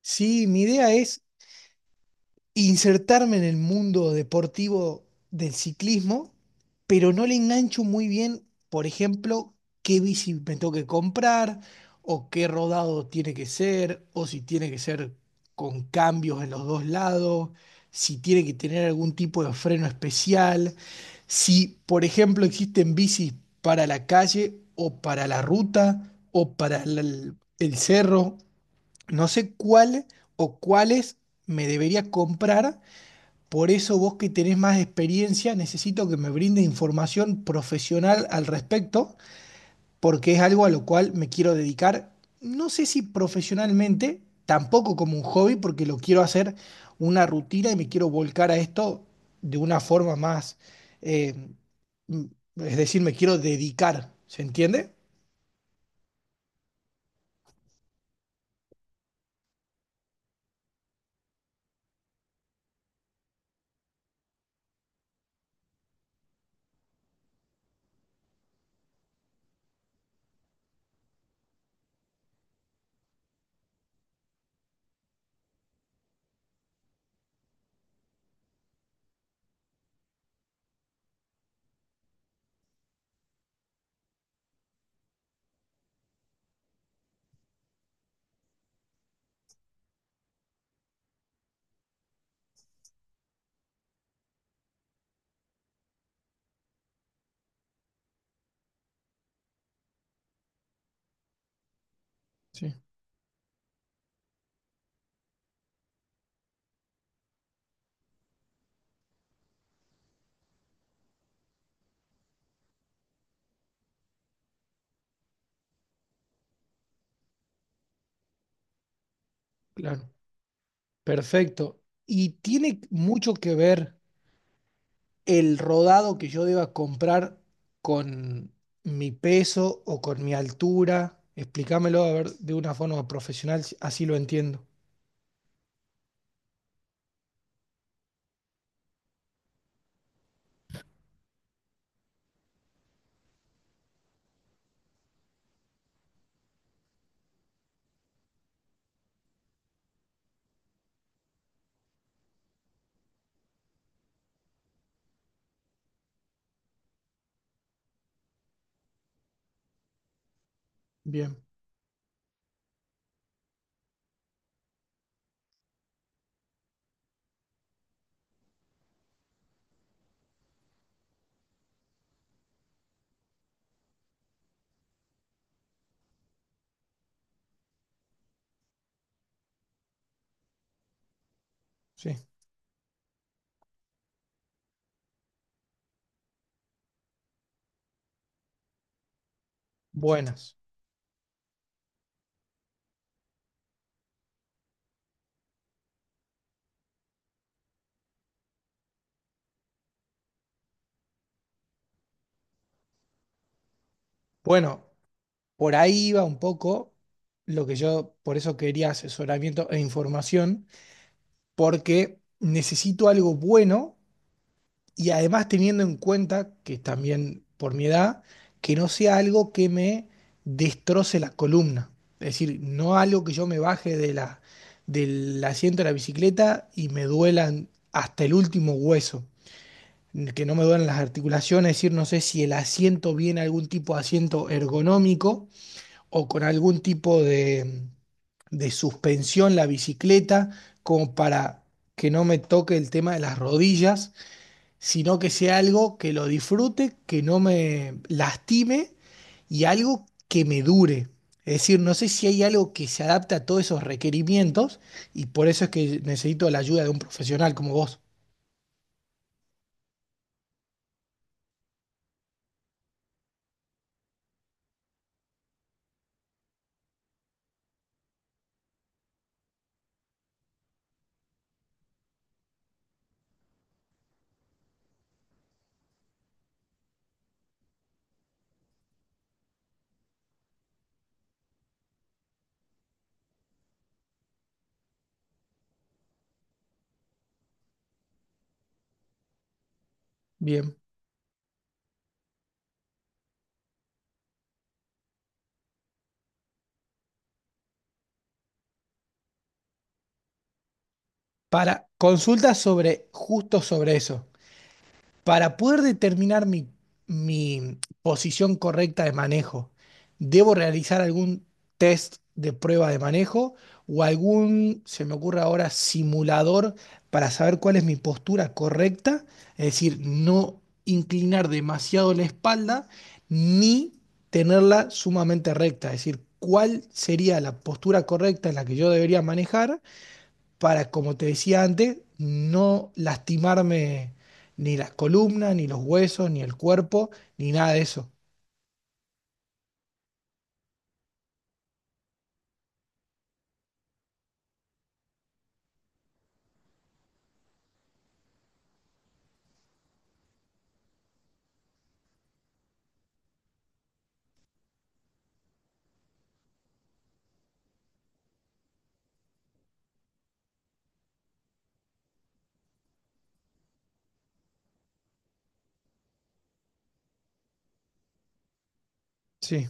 Sí, mi idea es insertarme en el mundo deportivo del ciclismo, pero no le engancho muy bien, por ejemplo, qué bici me tengo que comprar o qué rodado tiene que ser o si tiene que ser con cambios en los dos lados, si tiene que tener algún tipo de freno especial, si, por ejemplo, existen bicis para la calle o para la ruta o para el cerro. No sé cuál o cuáles me debería comprar, por eso vos que tenés más experiencia, necesito que me brinde información profesional al respecto, porque es algo a lo cual me quiero dedicar, no sé si profesionalmente, tampoco como un hobby, porque lo quiero hacer una rutina y me quiero volcar a esto de una forma más, eh, mm, es decir, me quiero dedicar, ¿se entiende? Sí, claro. Perfecto. Y tiene mucho que ver el rodado que yo deba comprar con mi peso o con mi altura. Explícamelo a ver de una forma profesional, así lo entiendo. Bien, sí. Buenas. Bueno, por ahí iba un poco lo que yo, por eso quería asesoramiento e información, porque necesito algo bueno. Y además teniendo en cuenta que también por mi edad, que no sea algo que me destroce la columna. Es decir, no algo que yo me baje de del asiento de la bicicleta y me duelan hasta el último hueso, que no me duelan las articulaciones. Es decir, no sé si el asiento viene algún tipo de asiento ergonómico o con algún tipo de suspensión la bicicleta, como para que no me toque el tema de las rodillas, sino que sea algo que lo disfrute, que no me lastime y algo que me dure. Es decir, no sé si hay algo que se adapte a todos esos requerimientos y por eso es que necesito la ayuda de un profesional como vos. Bien. Para consultas sobre, justo sobre eso. Para poder determinar mi posición correcta de manejo, ¿debo realizar algún test de prueba de manejo o algún, se me ocurre ahora, simulador para saber cuál es mi postura correcta? Es decir, no inclinar demasiado la espalda ni tenerla sumamente recta. Es decir, ¿cuál sería la postura correcta en la que yo debería manejar? Para, como te decía antes, no lastimarme ni las columnas, ni los huesos, ni el cuerpo, ni nada de eso. Sí,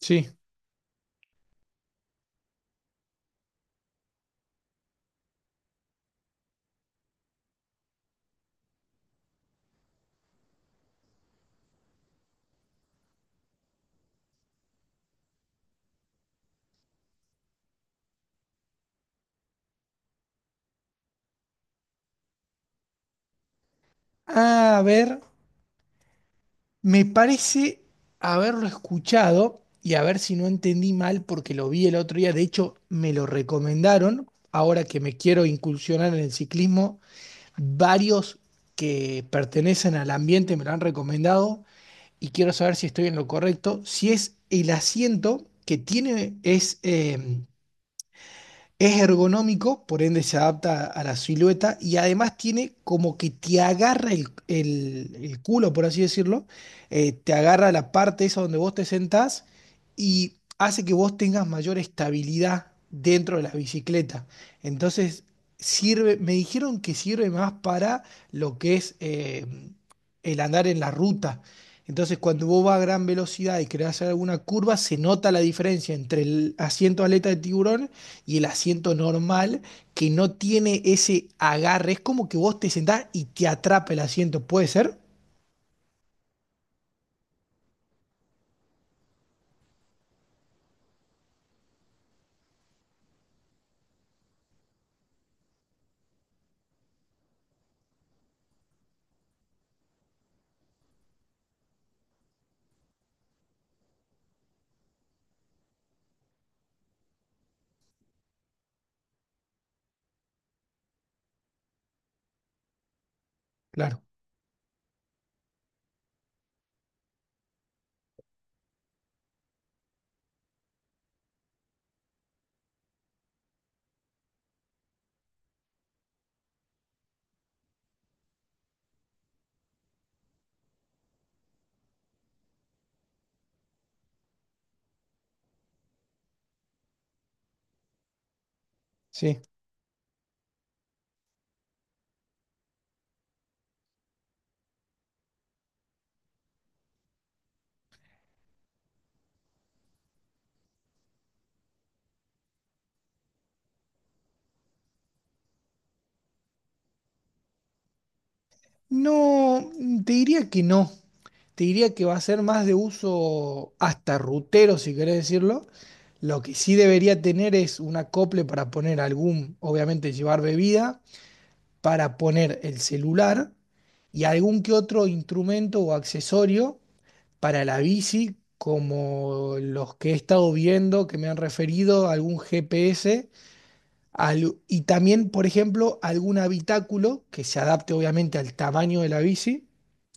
sí. A ver, me parece haberlo escuchado y a ver si no entendí mal porque lo vi el otro día. De hecho, me lo recomendaron. Ahora que me quiero incursionar en el ciclismo, varios que pertenecen al ambiente me lo han recomendado. Y quiero saber si estoy en lo correcto, si es el asiento que tiene, es ergonómico, por ende se adapta a la silueta y además tiene como que te agarra el culo, por así decirlo, te agarra la parte esa donde vos te sentás y hace que vos tengas mayor estabilidad dentro de la bicicleta. Entonces, sirve, me dijeron que sirve más para lo que es el andar en la ruta. Entonces, cuando vos vas a gran velocidad y querés hacer alguna curva, se nota la diferencia entre el asiento aleta de tiburón y el asiento normal que no tiene ese agarre. Es como que vos te sentás y te atrapa el asiento. ¿Puede ser? Claro, sí. No, te diría que no. Te diría que va a ser más de uso hasta rutero, si querés decirlo. Lo que sí debería tener es un acople para poner algún, obviamente llevar bebida, para poner el celular y algún que otro instrumento o accesorio para la bici, como los que he estado viendo que me han referido, algún GPS, y también, por ejemplo, algún habitáculo que se adapte obviamente al tamaño de la bici,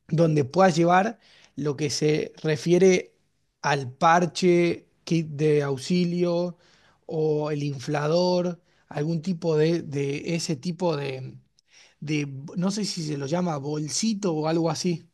donde puedas llevar lo que se refiere al parche, kit de auxilio o el inflador, algún tipo de ese tipo de, no sé si se lo llama bolsito o algo así.